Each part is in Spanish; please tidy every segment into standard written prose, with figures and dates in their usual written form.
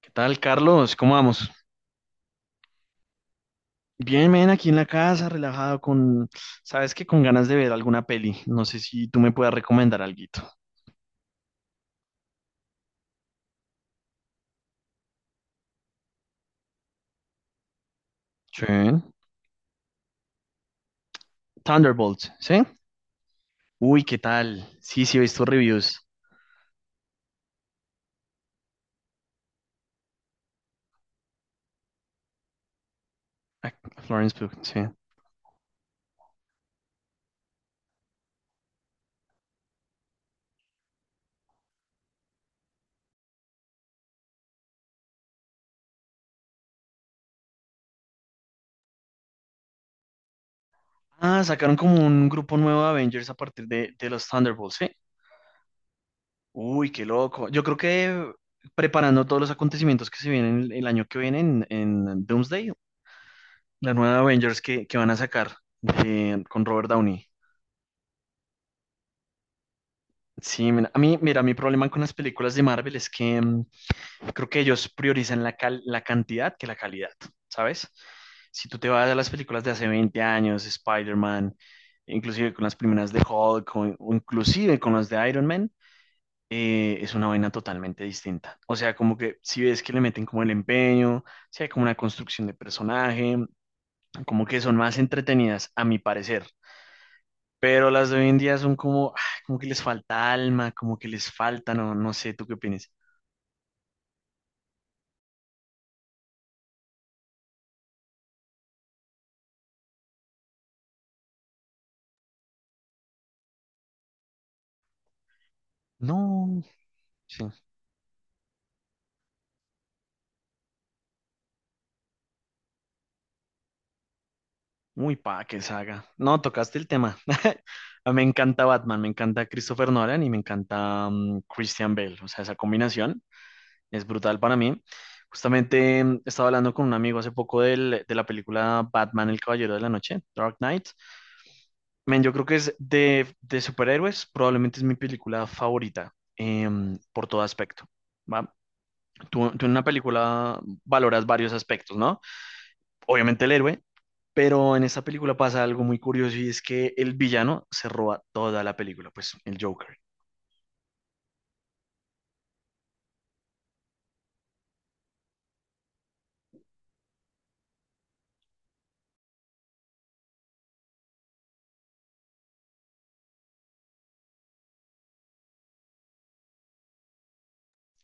¿Qué tal, Carlos? ¿Cómo vamos? Bien, ven aquí en la casa, relajado con, sabes que con ganas de ver alguna peli. No sé si tú me puedas recomendar alguito. Sí. Thunderbolts, ¿sí? Uy, ¿qué tal? Sí, sí, he visto reviews. Ah, Florence Pugh, sí. Ah, sacaron como un grupo nuevo de Avengers a partir de los Thunderbolts, ¿sí? Uy, qué loco. Yo creo que preparando todos los acontecimientos que se vienen el año que viene en Doomsday, la nueva Avengers que van a sacar con Robert Downey. Sí, mira, a mí, mira, mi problema con las películas de Marvel es que creo que ellos priorizan la, la cantidad que la calidad, ¿sabes? Si tú te vas a las películas de hace 20 años, Spider-Man, inclusive con las primeras de Hulk o inclusive con las de Iron Man, es una vaina totalmente distinta. O sea, como que si ves que le meten como el empeño, si hay como una construcción de personaje, como que son más entretenidas, a mi parecer. Pero las de hoy en día son como, como que les falta alma, como que les falta, no, no sé, ¿tú qué opinas? No, sí, muy pa' que saga. No, tocaste el tema. A mí Me encanta Batman, me encanta Christopher Nolan y me encanta Christian Bale. O sea, esa combinación es brutal para mí. Justamente estaba hablando con un amigo hace poco de la película Batman, el Caballero de la Noche, Dark Knight. Men, yo creo que es de superhéroes, probablemente es mi película favorita por todo aspecto. ¿Va? Tú en una película valoras varios aspectos, ¿no? Obviamente el héroe, pero en esta película pasa algo muy curioso y es que el villano se roba toda la película, pues el Joker.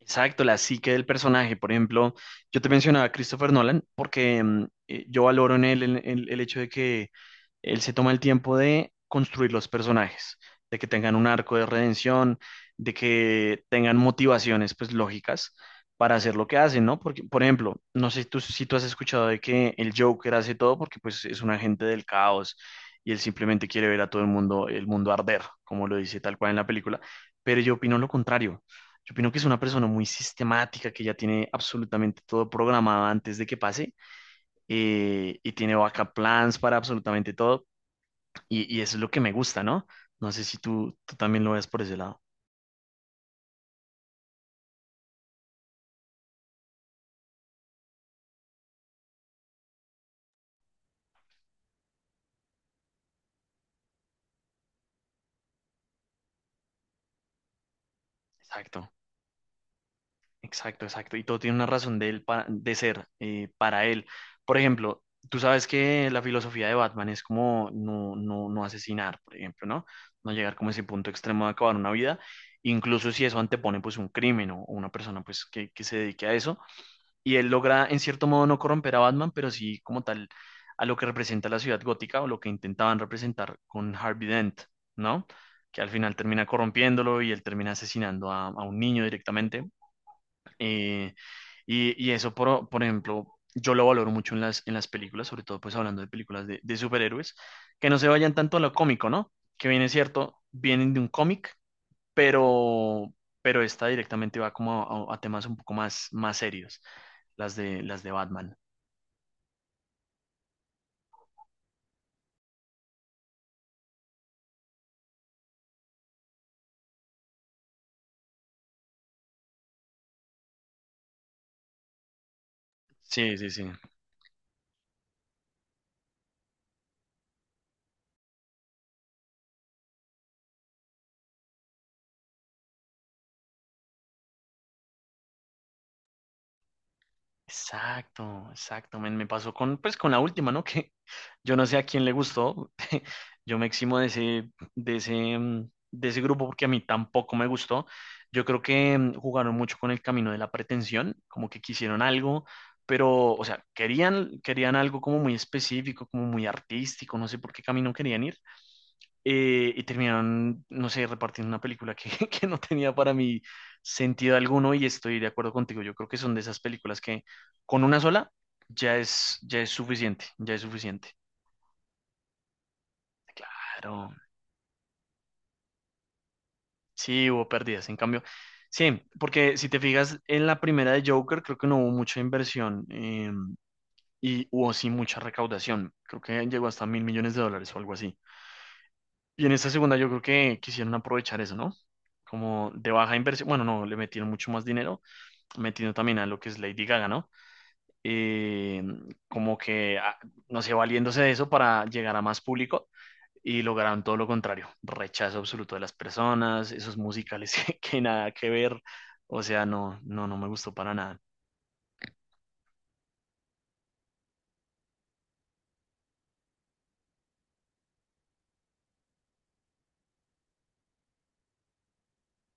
Exacto, la psique del personaje. Por ejemplo, yo te mencionaba a Christopher Nolan porque yo valoro en él el, el hecho de que Él se toma el tiempo de construir los personajes, de que tengan un arco de redención, de que tengan motivaciones pues lógicas para hacer lo que hacen, ¿no? Porque, por ejemplo, no sé si tú, si tú has escuchado de que el Joker hace todo porque pues es un agente del caos y él simplemente quiere ver a todo el mundo arder, como lo dice tal cual en la película, pero yo opino lo contrario. Yo opino que es una persona muy sistemática, que ya tiene absolutamente todo programado antes de que pase y tiene backup plans para absolutamente todo, y eso es lo que me gusta, ¿no? No sé si tú, tú también lo ves por ese lado. Exacto, exacto, exacto. Y todo tiene una razón de, él de ser para él. Por ejemplo, tú sabes que la filosofía de Batman es como no, no, no asesinar, por ejemplo, ¿no? No llegar como a ese punto extremo de acabar una vida, incluso si eso antepone pues un crimen o una persona pues que se dedique a eso y él logra en cierto modo no corromper a Batman, pero sí como tal a lo que representa la ciudad gótica o lo que intentaban representar con Harvey Dent, ¿no? Que al final termina corrompiéndolo y él termina asesinando a un niño directamente. Eh, y eso, por ejemplo, yo lo valoro mucho en las películas, sobre todo pues hablando de películas de superhéroes, que no se vayan tanto a lo cómico, ¿no? Que bien es cierto, vienen de un cómic, pero, pero esta directamente va como a, a temas un poco más, más serios las de Batman. Sí, sí, sí. Exacto, exacto. Men, me, pasó con, pues, con la última, ¿no? Que yo no sé a quién le gustó. Yo me eximo de ese, de ese, de ese grupo porque a mí tampoco me gustó. Yo creo que jugaron mucho con el camino de la pretensión, como que quisieron algo, pero, o sea, querían, querían algo como muy específico, como muy artístico, no sé por qué camino querían ir, y terminaron, no sé, repartiendo una película que, que no tenía para mí sentido alguno y estoy de acuerdo contigo. Yo creo que son de esas películas que con una sola ya es suficiente, ya es suficiente. Claro, sí, hubo pérdidas. En cambio, sí, porque si te fijas en la primera de Joker, creo que no hubo mucha inversión y hubo sí mucha recaudación. Creo que llegó hasta $1.000 millones o algo así. Y en esta segunda yo creo que quisieron aprovechar eso, ¿no? Como de baja inversión, bueno, no, le metieron mucho más dinero metiendo también a lo que es Lady Gaga, ¿no? Eh, como que, no sé, valiéndose de eso para llegar a más público y lograron todo lo contrario, rechazo absoluto de las personas, esos musicales que nada que ver, o sea, no, no, no me gustó para nada.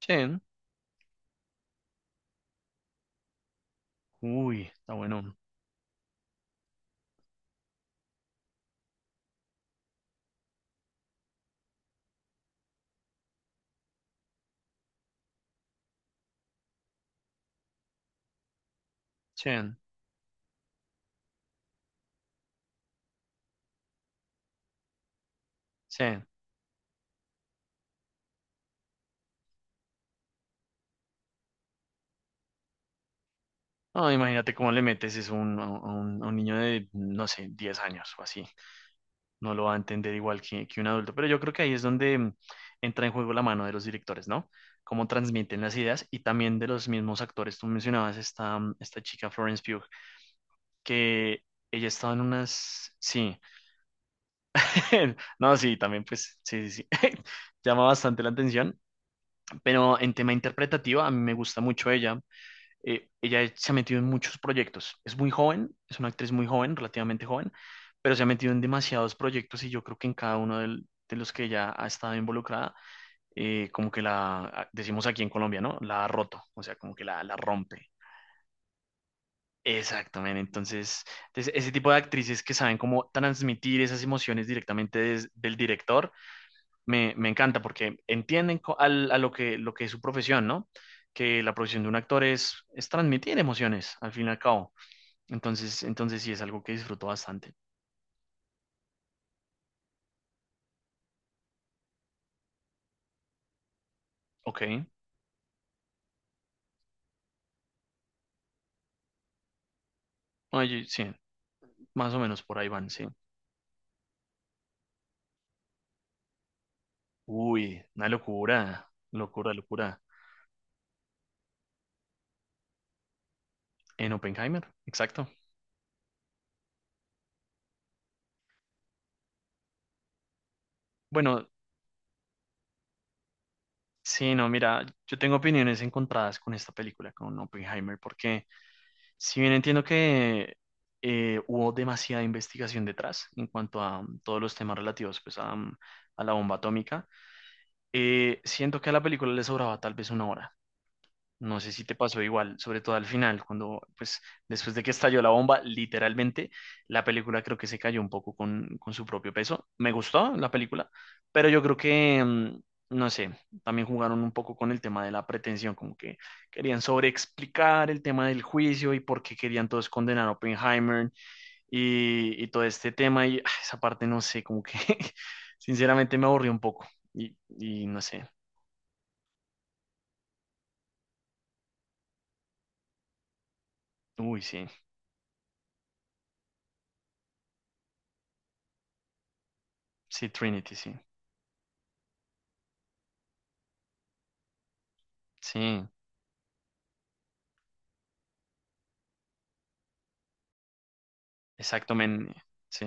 Chen, uy, está bueno, Chen, Chen. No, imagínate cómo le metes es un, a un, a un niño de, no sé, 10 años o así. No lo va a entender igual que un adulto. Pero yo creo que ahí es donde entra en juego la mano de los directores, ¿no? Cómo transmiten las ideas y también de los mismos actores. Tú mencionabas esta, esta chica Florence Pugh, que ella estaba en unas... Sí, no, sí, también pues, sí, sí, sí. Llama bastante la atención, pero en tema interpretativo a mí me gusta mucho ella. Ella se ha metido en muchos proyectos. Es muy joven, es una actriz muy joven, relativamente joven, pero se ha metido en demasiados proyectos y yo creo que en cada uno de los que ella ha estado involucrada, como que la, decimos aquí en Colombia, ¿no? La ha roto, o sea, como que la rompe. Exactamente, entonces, entonces, ese tipo de actrices que saben cómo transmitir esas emociones directamente del director, me encanta porque entienden a lo que es su profesión, ¿no? Que la profesión de un actor es transmitir emociones, al fin y al cabo. Entonces, entonces sí es algo que disfruto bastante. Ok. Oye, sí, más o menos por ahí van, sí. Uy, una locura, locura, locura. En Oppenheimer, exacto. Bueno, sí, no, mira, yo tengo opiniones encontradas con esta película, con Oppenheimer, porque si bien entiendo que hubo demasiada investigación detrás en cuanto a todos los temas relativos pues, a, a la bomba atómica, siento que a la película le sobraba tal vez una hora. No sé si te pasó igual, sobre todo al final, cuando, pues, después de que estalló la bomba, literalmente, la película creo que se cayó un poco con su propio peso. Me gustó la película, pero yo creo que, no sé, también jugaron un poco con el tema de la pretensión, como que querían sobreexplicar el tema del juicio y por qué querían todos condenar a Oppenheimer y todo este tema. Y esa parte, no sé, como que, sinceramente, me aburrió un poco. Y no sé, uy, sí, sí, Trinity, sí, sí. Exacto, men. Sí.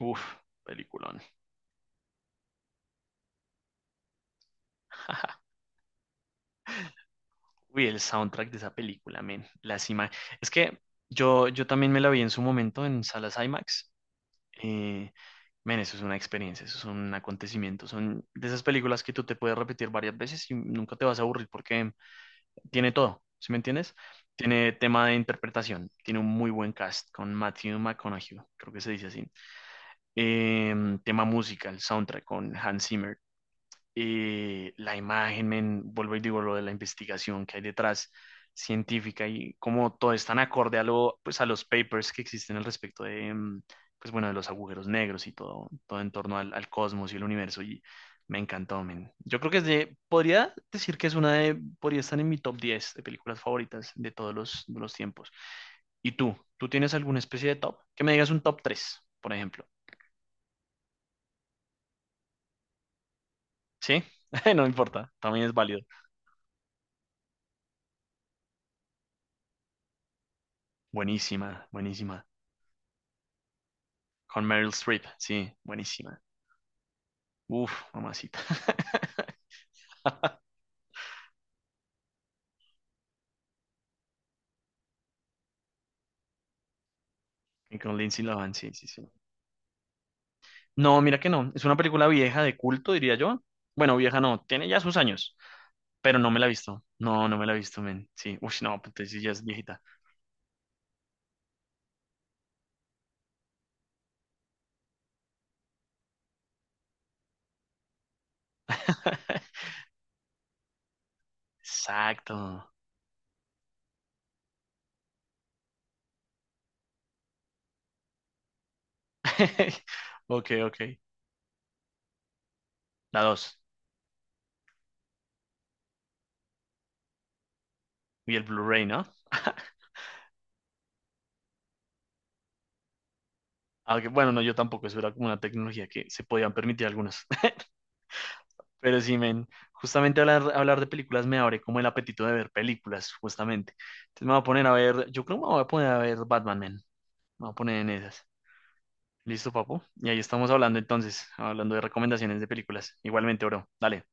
Uf, peliculón. Uy, el soundtrack de esa película, men. Las ima- Es que yo también me la vi en su momento en salas IMAX. Eh, men, eso es una experiencia, eso es un acontecimiento. Son de esas películas que tú te puedes repetir varias veces y nunca te vas a aburrir porque tiene todo, ¿sí me entiendes? Tiene tema de interpretación, tiene un muy buen cast con Matthew McConaughey, creo que se dice así. Eh, tema música, el soundtrack con Hans Zimmer. Eh, la imagen, men, vuelvo y digo lo de la investigación que hay detrás científica y cómo todo es tan acorde a lo, pues a los papers que existen al respecto de, pues bueno, de los agujeros negros y todo, todo en torno al, al cosmos y el universo y me encantó, men. Yo creo que es de, podría decir que es una de, podría estar en mi top 10 de películas favoritas de todos los, de los tiempos. ¿Y tú? ¿Tú tienes alguna especie de top? Que me digas un top 3 por ejemplo. ¿Sí? No importa, también es válido. Buenísima, buenísima. Con Meryl Streep, sí, buenísima. Uf, mamacita. Y con Lindsay Lohan, sí, sí, sí. No, mira que no. Es una película vieja de culto, diría yo. Bueno, vieja no, tiene ya sus años, pero no me la he visto. No, no me la he visto, men. Sí, uf, no, pues entonces sí ya es viejita. Exacto. Ok, ok. La dos. Y el Blu-ray, ¿no? Aunque, bueno, no, yo tampoco. Eso era como una tecnología que se podían permitir algunos. Pero sí, men, justamente hablar, hablar de películas me abre como el apetito de ver películas, justamente. Entonces me voy a poner a ver, yo creo que me voy a poner a ver Batman, men. Me voy a poner en esas. ¿Listo, papu? Y ahí estamos hablando entonces, hablando de recomendaciones de películas. Igualmente, bro. Dale.